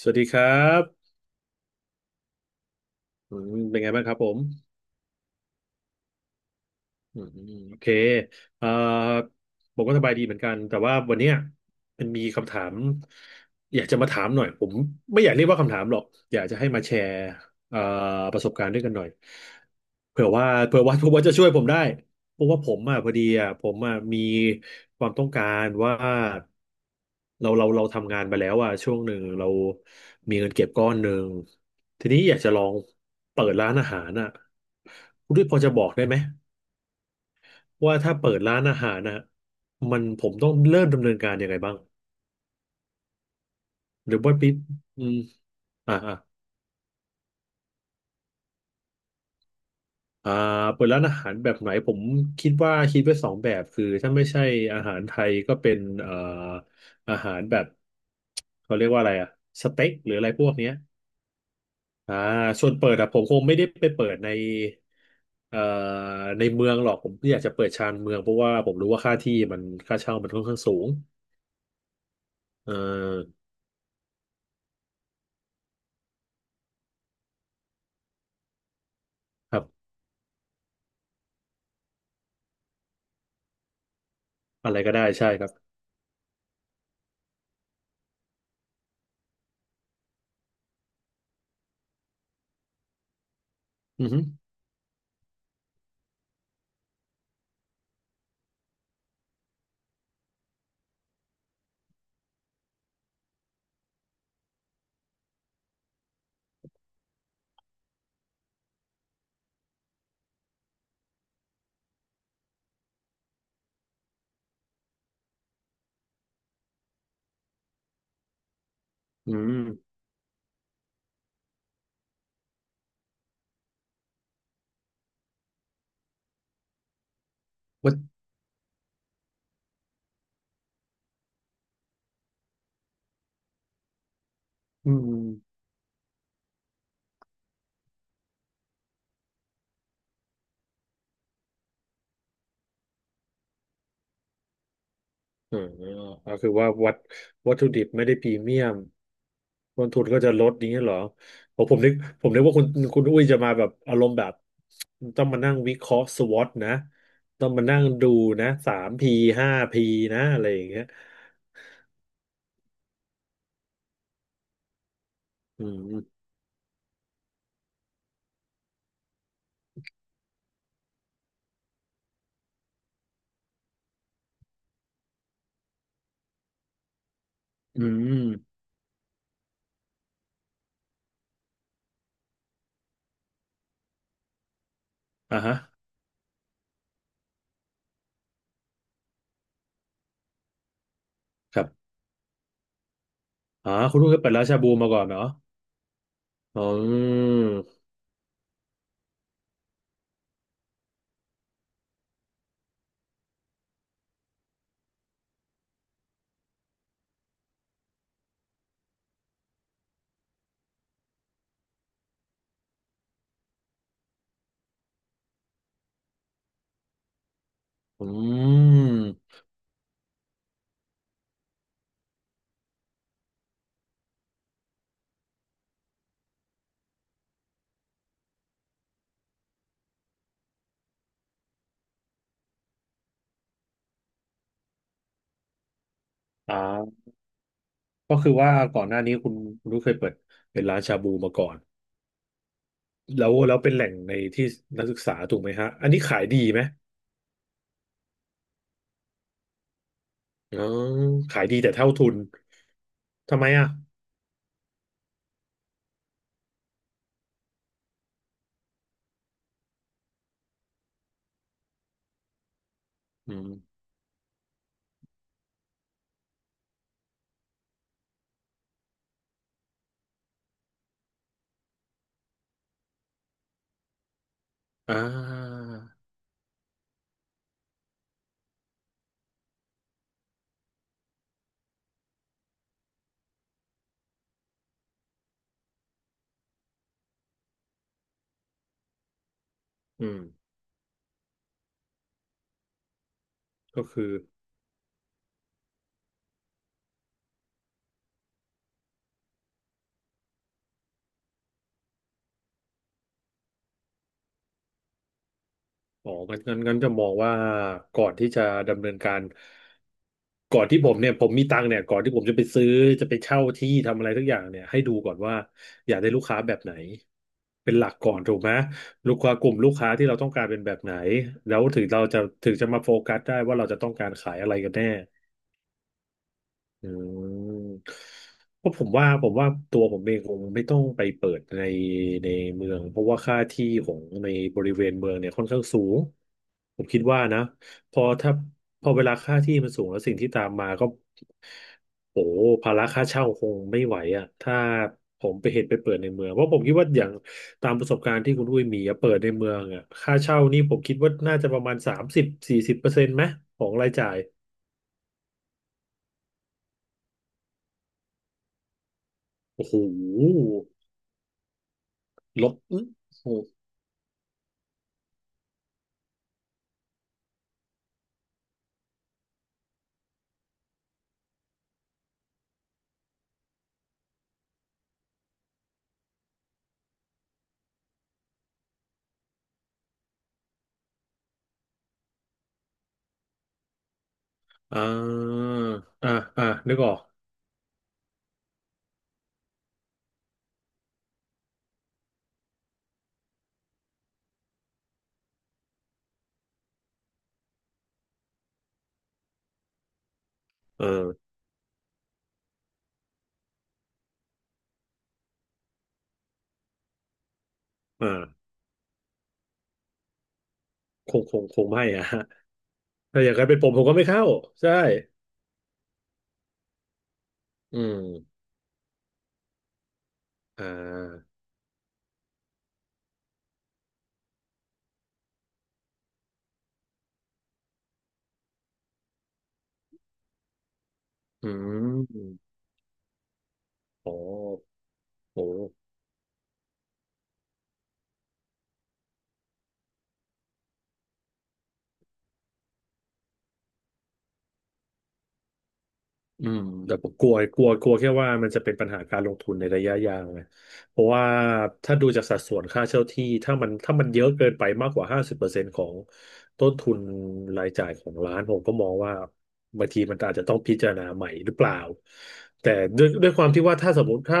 สวัสดีครับอืมเป็นไงบ้างครับผม อืมโอเคเอ่อผมก็สบายดีเหมือนกัน แต่ว่าวันเนี้ยมันมีคำถามอยากจะมาถามหน่อยผมไม่อยากเรียกว่าคำถามหรอก อยากจะให้มาแชร์เอ่อประสบการณ์ด้วยกันหน่อยเผื่อว่าจะช่วยผมได้เพราะว่าผมอ่ะพอดีอ่ะผมอ่ะมีความต้องการว่าเราทำงานไปแล้วอ่ะช่วงหนึ่งเรามีเงินเก็บก้อนหนึ่งทีนี้อยากจะลองเปิดร้านอาหารอ่ะคุณด้วยพอจะบอกได้ไหม ว่าถ้าเปิดร้านอาหารนะฮะมันผมต้องเริ่มดำเนินการยังไงบ้างหรือว่าปิดอืมอ่าอ่าอ่าเปิดร้านอาหารแบบไหนผมคิดว่าคิดไว้2 แบบคือถ้าไม่ใช่อาหารไทยก็เป็นอาหารแบบเขาเรียกว่าอะไรอะสเต็กหรืออะไรพวกเนี้ยอ่าส่วนเปิดอะผมคงไม่ได้ไปเปิดเอ่อในเมืองหรอกผมอยากจะเปิดชานเมืองเพราะว่าผมรู้ว่าค่าที่มันค่าเช่ามันค่อนข้างสูงเออครับอะไรก็ได้ใช่ครับอือฮึ อืมวัตอืมเอ่าก็คือว่าวัตถุดิบไม่ได้พรีเมียมต้นทุนก็จะลดอย่างเงี้ยเหรอผมผมนึกว่าคุณอุ้ยจะมาแบบอารมณ์แบบต้องมานั่งวิเคราะห์สวอตนะต้องมานั่งดูนะ3P5Pนะอะไรอย่างเงี้ยอืมอืมอ่าฮะครับอ๋อคุณอุ้ยเคยเปิดร้านชาบูมาก่อนเหรออืมอืมอ่าก็คือว่าก่อนหน้านี้คุณอุ้ยเคยเปิดเป็นร้านชาบูมาก่อน แล้วแล้วเป็นแหล่งในที่นักศึกษาถูกไหมฮะอันนี้ขายดีไหมอ๋อขายดีแต่เท่าทุนทำไมอ่ะอืมอ่าอืมก็คืออ๋องั้นงั้นจะมองว่าก่อนที่จะดำเนินการก่อนที่ผมเนี่ยผมมีตังค์เนี่ยก่อนที่ผมจะไปซื้อจะไปเช่าที่ทำอะไรทุกอย่างเนี่ยให้ดูก่อนว่าอยากได้ลูกค้าแบบไหนเป็นหลักก่อนถูกไหมลูกค้ากลุ่มลูกค้าที่เราต้องการเป็นแบบไหนแล้วถึงเราจะถึงจะมาโฟกัสได้ว่าเราจะต้องการขายอะไรกันแน่ อืมเพราะผมว่าตัวผมเองคงไม่ต้องไปเปิดในเมืองเพราะว่าค่าที่ของในบริเวณเมืองเนี่ยค่อนข้างสูงผมคิดว่านะพอถ้าพอเวลาค่าที่มันสูงแล้วสิ่งที่ตามมาก็โอ้ภาระค่าเช่าคงไม่ไหวอ่ะถ้าผมไปเห็นไปเปิดในเมืองเพราะผมคิดว่าอย่างตามประสบการณ์ที่คุณอุ้ยมีอะเปิดในเมืองอ่ะค่าเช่านี่ผมคิดว่าน่าจะประมาณ30-40%ไหมของรายจ่ายโอ้โห ลบอื้อโหอ่าอ่าอ่านึกออกเอออ่าคง คง คงไม่อะ ฮะถ้าอย่างนั้นเป็นผมผมก็ไม่เข้า ใช่ อืมอ่าอืมอ๋อโห อืมแต่ผมกลัวกลัวกลัวแค่ว่ามันจะเป็นปัญหาการลงทุนในระยะยาวไงเพราะว่าถ้าดูจากสัดส่วนค่าเช่าที่ถ้ามันเยอะเกินไปมากกว่า50%ของต้นทุนรายจ่ายของร้านผมก็มองว่าบางทีมันอาจจะต้องพิจารณาใหม่หรือเปล่าแต่ด้วยความที่ว่าถ้าสมมติถ้า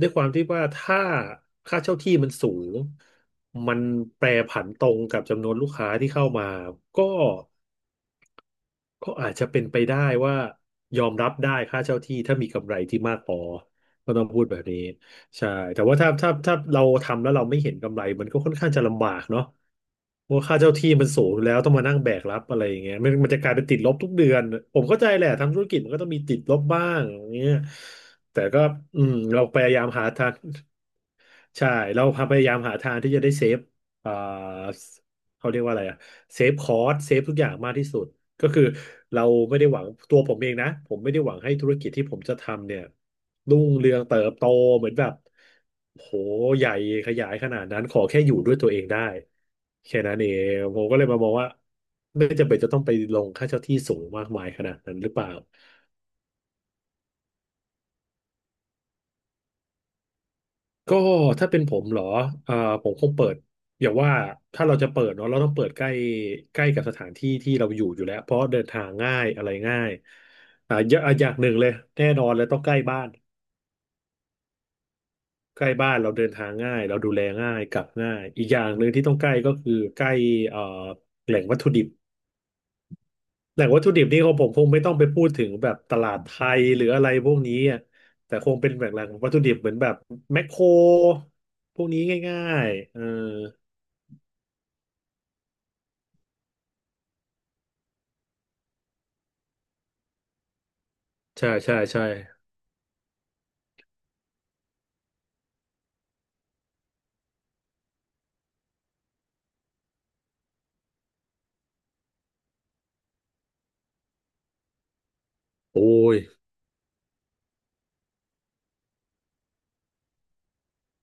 ด้วยความที่ว่าถ้าค่าเช่าที่มันสูงมันแปรผันตรงกับจำนวนลูกค้าที่เข้ามาก็ ก็อาจจะเป็นไปได้ว่ายอมรับได้ค่าเช่าที่ถ้ามีกำไรที่มากพอก็ต้องพูดแบบนี้ใช่แต่ว่าถ้าเราทำแล้วเราไม่เห็นกำไรมันก็ค่อนข้างจะลำบากเนาะเพราะค่าเช่าที่มันสูงอยู่แล้วต้องมานั่งแบกรับอะไรอย่างเงี้ยมันจะกลายเป็นติดลบทุกเดือนผมเข้าใจแหละทำธุรกิจมันก็ต้องมีติดลบบ้างอย่างเงี้ยแต่ก็อืมเราพยายามหาทาง ใช่เราพยายามหาทางที่จะได้เซฟเอ่อเขาเรียกว่าอะไรอะเซฟคอสเซฟทุกอย่างมากที่สุดก็คือเราไม่ได้หวังตัวผมเองนะผมไม่ได้หวังให้ธุรกิจที่ผมจะทำเนี่ยรุ่งเรืองเติบโตเหมือนแบบโหใหญ่ขยายขนาดนั้นขอแค่อยู่ด้วยตัวเองได้แค่นั้นเองผมก็เลยมามองว่าไม่จำเป็นจะต้องไปลงค่าเช่าที่สูงมากมายขนาดนั้นหรือเปล่า ก็ถ้าเป็นผมเหรอเอ่อผมคงเปิดอย่าว่าถ้าเราจะเปิดเนาะเราต้องเปิดใกล้ใกล้กับสถานที่ที่เราอยู่อยู่แล้วเพราะเดินทางง่ายอะไรง่ายอย่างหนึ่งเลยแน่นอนเลยต้องใกล้บ้านใกล้บ้านเราเดินทางง่ายเราดูแลง่ายกลับง่ายอีกอย่างหนึ่งที่ต้องใกล้ก็คือใกล้เอ่อแหล่งวัตถุดิบแหล่งวัตถุดิบนี่ของผมคงไม่ต้องไปพูดถึงแบบตลาดไทยหรืออะไรพวกนี้อะแต่คงเป็นแหล่งวัตถุดิบเหมือนแบบแมคโครพวกนี้ง่ายๆเออ ใช่ใช่ใช่โอ้ย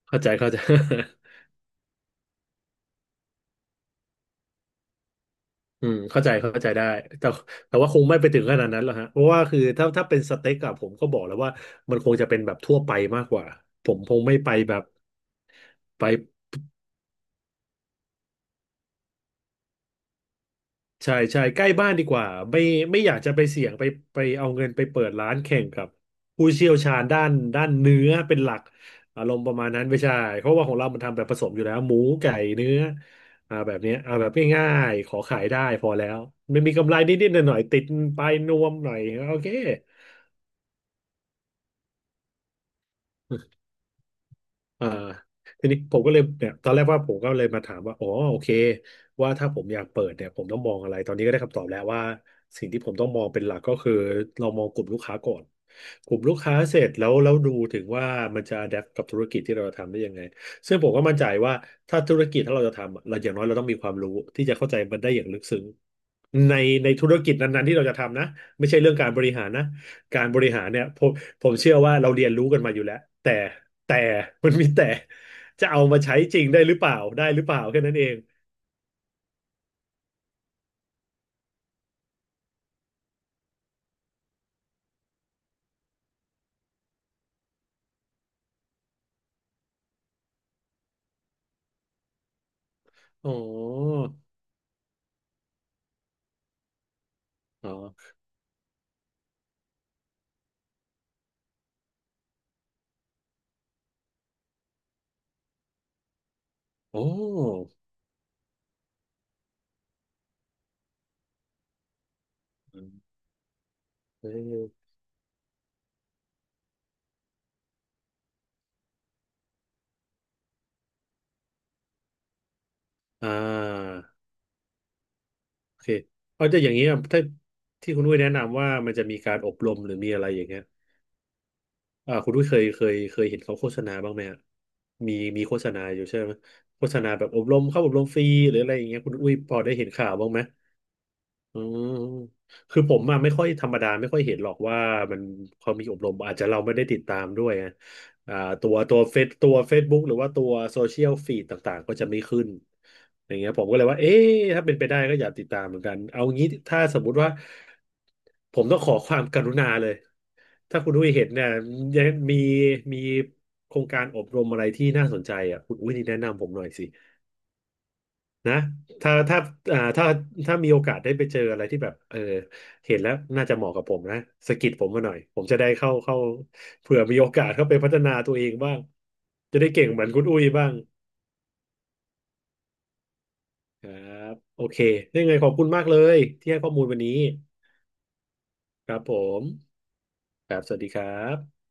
เข้าใจเข้าใจ อืมเข้าใจเข้าใจได้แต่แต่ว่าคงไม่ไปถึงขนาดนั้นหรอกฮะเพราะว่าคือถ้าเป็นสเต็กอะผมก็บอกแล้วว่ามันคงจะเป็นแบบทั่วไปมากกว่าผมคงไม่ไปแบบไป ใช่ใช่ใกล้บ้านดีกว่าไม่ไม่อยากจะไปเสี่ยงไปไปเอาเงินไปเปิดร้านแข่งกับผู้เชี่ยวชาญด้านเนื้อเป็นหลักอารมณ์ประมาณนั้นไม่ใช่เพราะว่าของเรามันทำแบบผสมอยู่แล้วหมูไก่เนื้ออ่าแบบเนี้ยเอาแบบง่ายๆขอขายได้พอแล้วไม่มีกำไรนิดๆหน่อยๆติดปลายนวมหน่อยโอเค เอ่าทีนี้ผมก็เลยเนี่ยตอนแรกว่าผมก็เลยมาถามว่าอ๋อโอเคว่าถ้าผมอยากเปิดเนี่ยผมต้องมองอะไรตอนนี้ก็ได้คำตอบแล้วว่าสิ่งที่ผมต้องมองเป็นหลักก็คือเรามองกลุ่มลูกค้าก่อนกลุ่มลูกค้าเสร็จแล้วแล้วดูถึงว่ามันจะอ DAPT กับธุรกิจที่เราจะทำได้ยังไงซึ่งผมก็มั่นใจว่าถ้าธุรกิจถ้าเราจะทำอะเราอย่างน้อยเราต้องมีความรู้ที่จะเข้าใจมันได้อย่างลึกซึ้งในในธุรกิจนั้นๆที่เราจะทำนะไม่ใช่เรื่องการบริหารนะ การบริหารเนี่ยผมเชื่อว่าเราเรียนรู้กันมาอยู่แล้วแต่แต่ มันมีแต่จะเอามาใช้จริงได้หรือเปล่าได้หรือเปล่าแค่นั้นเองอ๋ออ๋อโอ้อืมเอออ่าโอเคเอาจะอย่างนี้อะถ้าที่คุณด้ยแนะนำว่ามันจะมีการอบรมหรือมีอะไรอย่างเงี้ยอ่าคุณด้ยเคยเห็นเขาโฆษณาบ้างไหมอะมีโฆษณาอยู่ใช่ไหมโฆษณาแบบอบรมเข้าอบรมฟรีหรืออะไรอย่างเงี้ยคุณอุ้ยพอได้เห็นข่าวบ้างไหม อืมคือผมอะไม่ค่อยธรรมดาไม่ค่อยเห็นหรอกว่ามันเขามีอบรมอาจจะเราไม่ได้ติดตามด้วยออ่าตัวเฟซตัว Facebook หรือว่าตัวโซเชียลฟีดต่างๆก็จะไม่ขึ้นอย่างเงี้ยผมก็เลยว่าเอ๊ะถ้าเป็นไปได้ก็อยากติดตามเหมือนกันเอางี้ถ้าสมมุติว่าผมต้องขอความกรุณาเลยถ้าคุณอุ้ยเห็นเนี่ยยังมีมีโครงการอบรมอะไรที่น่าสนใจอ่ะคุณอุ้ยนี่แนะนำผมหน่อยสิ นะถ้าถ้าถ้าถ้ามีโอกาสได้ไปเจออะไรที่แบบเออเห็นแล้วน่าจะเหมาะกับผมนะสะกิดผมมาหน่อยผมจะได้เข้าเข้าเผื่อมีโอกาสเข้าไปพัฒนาตัวเองบ้างจะได้เก่งเหมือนคุณอุ้ยบ้างครับโอเคได้ไงขอบคุณมากเลยที่ให้ข้อมูลวันนี้ครับผมครับสวัสดีครับ